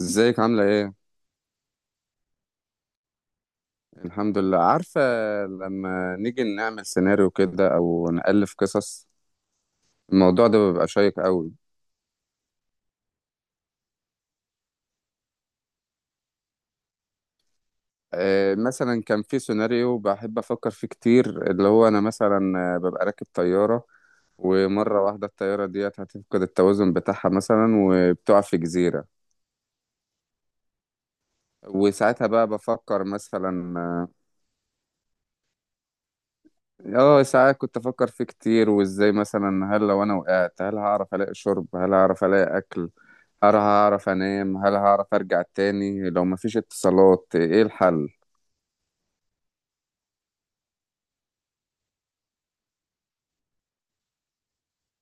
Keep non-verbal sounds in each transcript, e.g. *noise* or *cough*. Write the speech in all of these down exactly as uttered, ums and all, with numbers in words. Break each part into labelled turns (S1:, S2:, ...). S1: ازيك؟ عاملة ايه؟ الحمد لله. عارفة، لما نيجي نعمل سيناريو كده او نألف قصص، الموضوع ده بيبقى شيق قوي. آه، مثلا كان في سيناريو بحب افكر فيه كتير، اللي هو انا مثلا، آه، ببقى راكب طيارة، ومرة واحدة الطيارة ديت هتفقد التوازن بتاعها مثلا، وبتقع في جزيرة. وساعتها بقى بفكر مثلا. اه، ساعات كنت افكر فيه كتير، وازاي مثلا، هل لو انا وقعت هل هعرف الاقي شرب؟ هل هعرف الاقي اكل؟ هل هعرف انام؟ هل هعرف ارجع تاني؟ لو مفيش اتصالات ايه الحل؟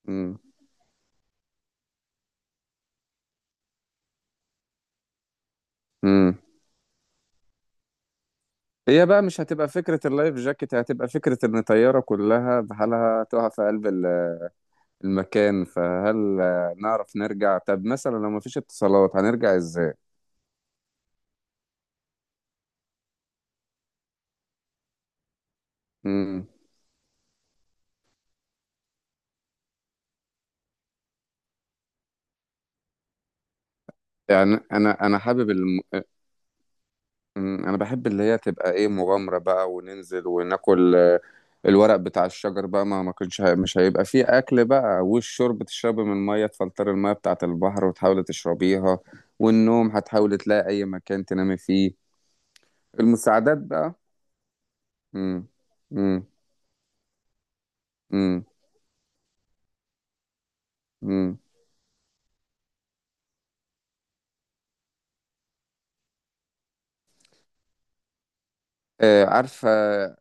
S1: امم امم هي بقى مش هتبقى فكرة اللايف جاكيت، هتبقى فكرة ان طيارة كلها بحالها تقع في قلب ال- المكان. فهل آه، نعرف نرجع؟ طب مثلا لو مفيش اتصالات هنرجع ازاي؟ امم يعني انا انا حابب الم... مم، انا بحب اللي هي تبقى ايه، مغامرة بقى، وننزل وناكل الورق بتاع الشجر بقى، ما ما كانش هي- مش هيبقى فيه اكل بقى. والشرب تشربي من الميه، تفلتر الميه بتاعه البحر وتحاولي تشربيها. والنوم هتحاولي تلاقي اي مكان تنامي فيه. المساعدات بقى. امم امم امم امم آه، عارفه.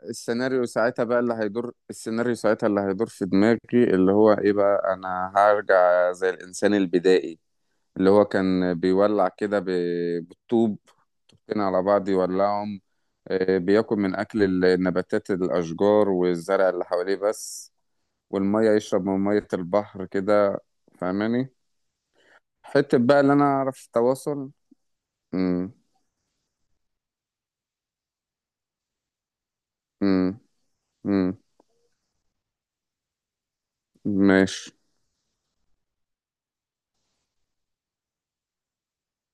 S1: السيناريو ساعتها بقى اللي هيدور، السيناريو ساعتها اللي هيدور في دماغي اللي هو ايه بقى، انا هرجع زي الانسان البدائي اللي هو كان بيولع كده ب- بالطوب، طوبتين على بعض يولعهم. آه، بياكل من أكل النباتات، الأشجار والزرع اللي حواليه بس. والمية يشرب من مية البحر كده. فاهماني؟ حتة بقى اللي أنا أعرف تواصل. مم. مم. مم. ماشي.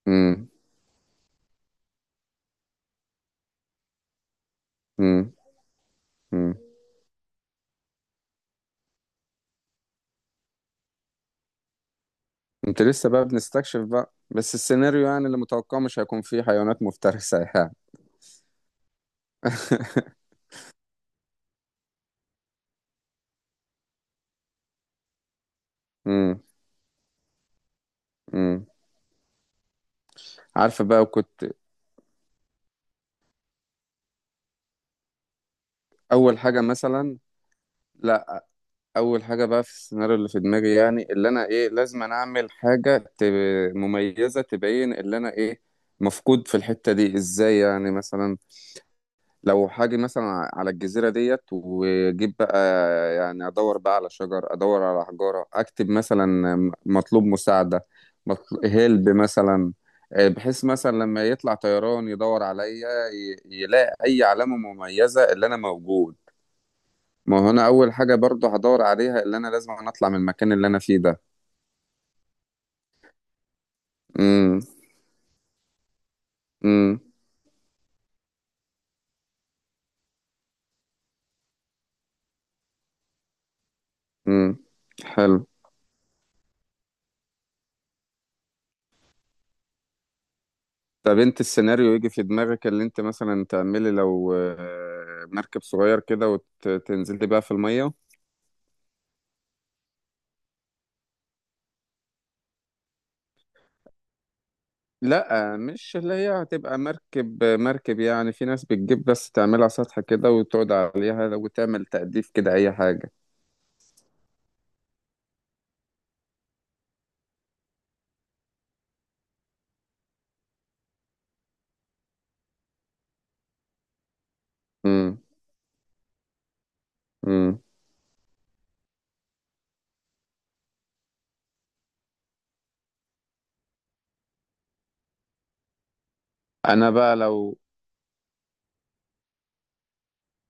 S1: مم. مم. مم. أنت لسه بقى بنستكشف بقى، بس السيناريو يعني اللي متوقعه مش هيكون فيه حيوانات مفترسة يعني. *laughs* مم. مم. عارفة بقى، وكنت أول حاجة مثلا. لا، اول حاجه بقى في السيناريو اللي في دماغي، يعني اللي انا ايه، لازم أنا اعمل حاجه تب- مميزه تبين اللي انا ايه مفقود في الحته دي ازاي، يعني مثلا لو حاجه مثلا على الجزيره ديت، واجيب بقى يعني، ادور بقى على شجر، ادور على حجاره، اكتب مثلا مطلوب مساعده. مطل- هلب مثلا. آه، بحيث مثلا لما يطلع طيران يدور عليا ي- يلاقي اي علامه مميزه اللي انا موجود. ما هو انا اول حاجه برضو هدور عليها اللي انا لازم أنا اطلع من المكان اللي انا فيه ده. امم امم امم حلو. طب انت السيناريو يجي في دماغك اللي انت مثلا تعملي لو آه، مركب صغير كده وتنزلي بقى في الميه؟ لا، مش اللي هي هتبقى مركب مركب، يعني في ناس بتجيب بس تعملها سطح كده وتقعد عليها وتعمل تأديف كده، اي حاجه. امم امم انا بقى لو،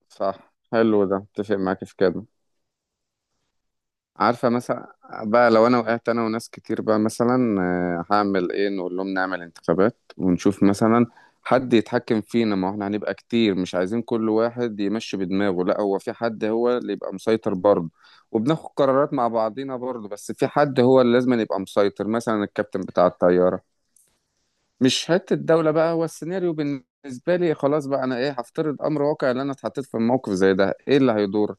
S1: صح، حلو ده، اتفق معاك في كده. عارفة مثلا، بقى لو أنا وقعت أنا وناس كتير بقى مثلا، آه، هعمل إيه؟ نقول لهم نعمل انتخابات ونشوف مثلا حد يتحكم فينا، ما هو احنا هنبقى كتير مش عايزين كل واحد يمشي بدماغه، لا، هو في حد هو اللي يبقى مسيطر برضه، وبناخد قرارات مع بعضينا برضه، بس في حد هو اللي لازم يبقى مسيطر، مثلا الكابتن بتاع الطيارة. مش حتة الدولة بقى، هو السيناريو بالنسبة لي خلاص بقى، أنا إيه، هفترض أمر واقع اللي أنا اتحطيت في موقف زي ده إيه اللي هيدور.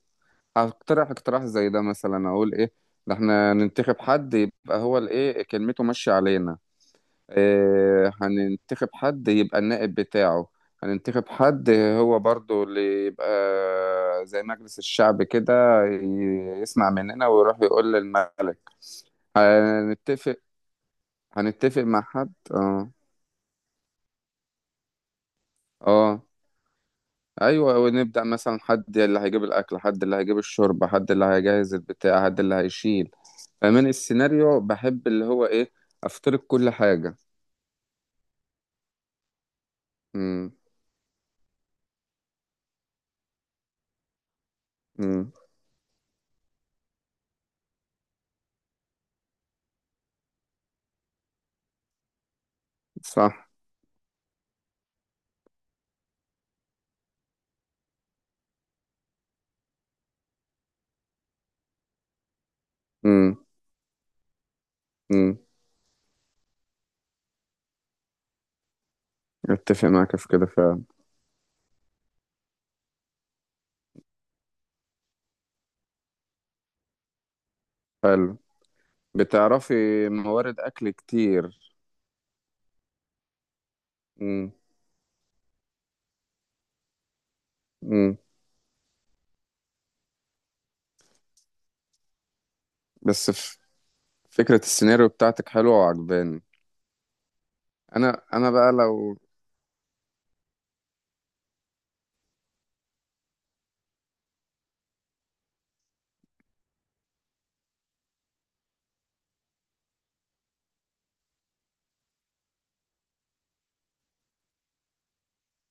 S1: هقترح اقتراح زي ده، مثلا اقول ايه، ده احنا ننتخب حد يبقى هو الايه، كلمته ماشيه علينا. إيه، هننتخب حد يبقى النائب بتاعه، هننتخب حد هو برضو اللي يبقى زي مجلس الشعب كده، ي- يسمع مننا ويروح يقول للملك. هنتفق، هنتفق مع حد. اه، اه، ايوه. ونبدأ مثلا حد اللي هيجيب الاكل، حد اللي هيجيب الشرب، حد اللي هيجهز البتاع، حد اللي هيشيل. فمن السيناريو بحب اللي هو ايه، افترض كل حاجة. امم امم صح. امم امم اتفق معاك في كده فعلا. حلو. بتعرفي موارد اكل كتير. امم امم بس ف- فكرة السيناريو بتاعتك حلوة وعجباني. انا انا بقى لو.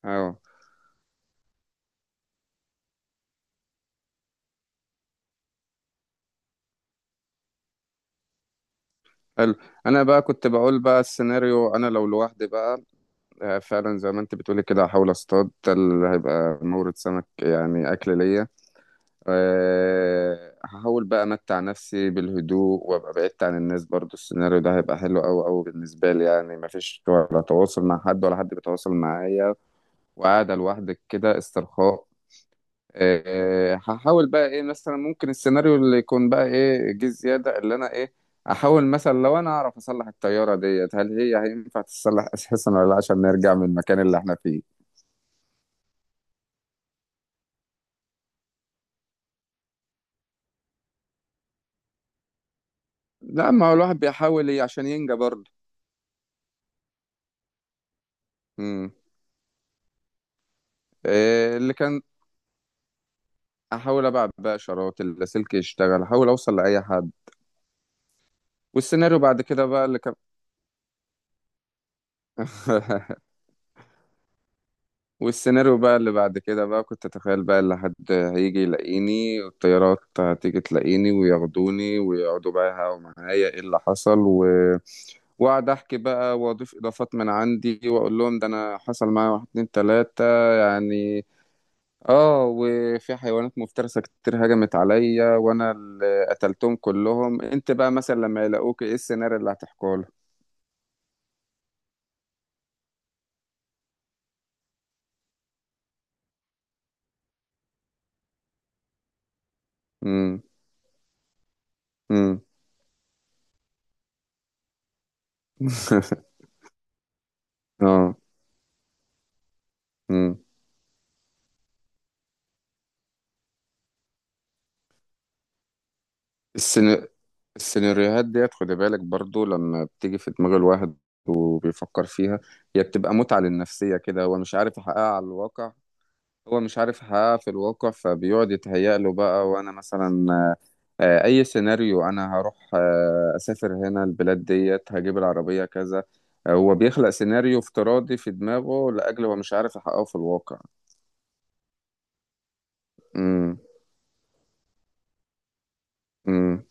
S1: اه، حلو. انا بقى كنت بقول بقى السيناريو انا لو لوحدي بقى. آه، فعلا زي ما انت بتقولي كده هحاول اصطاد، ده اللي هيبقى مورد سمك يعني اكل ليا. آه، هحاول بقى امتع نفسي بالهدوء وابقى بعدت عن الناس. برضو السيناريو ده هيبقى حلو قوي قوي بالنسبه لي، يعني مفيش ولا تواصل مع حد ولا حد بيتواصل معايا، وقاعده لوحدك كده استرخاء. آه، هحاول بقى ايه، مثلا ممكن السيناريو اللي يكون بقى ايه جه زياده اللي انا ايه، احاول مثلا لو انا اعرف اصلح الطياره ديت هل هي هينفع تتصلح اساسا ولا لا، عشان نرجع من المكان اللي احنا فيه. لا، ما هو الواحد بيحاول ي- عشان ينجى برضه. امم إيه اللي كان. احاول ابعت بقى اشارات، اللاسلكي يشتغل احاول اوصل لاي حد. والسيناريو بعد كده بقى اللي كان. *laughs* والسيناريو بقى اللي بعد كده بقى كنت اتخيل بقى اللي حد هيجي يلاقيني، والطيارات هتيجي تلاقيني وياخدوني ويقعدوا بقى يهاوا معايا ايه اللي حصل و... واقعد احكي بقى واضيف اضافات من عندي واقول لهم ده انا حصل معايا واحد اتنين تلاتة يعني. اه، وفي حيوانات مفترسة كتير هجمت عليا وانا اللي قتلتهم كلهم. انت بقى مثلا لما يلاقوك ايه السيناريو اللي هتحكوا له؟ امم امم *laughs* اه. امم السينا- السيناريوهات ديت خد بالك برضو لما بتيجي في دماغ الواحد وبيفكر فيها، هي بتبقى متعة للنفسية كده، هو مش عارف يحققها على الواقع. هو مش عارف يحققها في الواقع، فبيقعد يتهيأ له بقى. وانا مثلا آه، آه، اي سيناريو انا هروح، آه، اسافر هنا، البلاد ديت هجيب العربية كذا. آه، هو بيخلق سيناريو افتراضي في دماغه لاجل هو مش عارف يحققه في الواقع. امم امم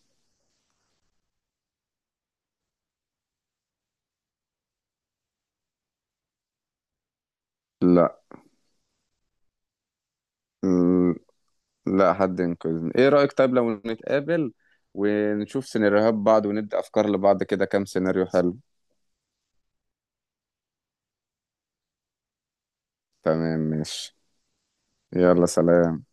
S1: لا. ال- لا، حد ينقذني. ايه رأيك طيب لو نتقابل ونشوف سيناريوهات بعض وندي افكار لبعض كده، كام سيناريو حلو. تمام، ماشي. يلا سلام.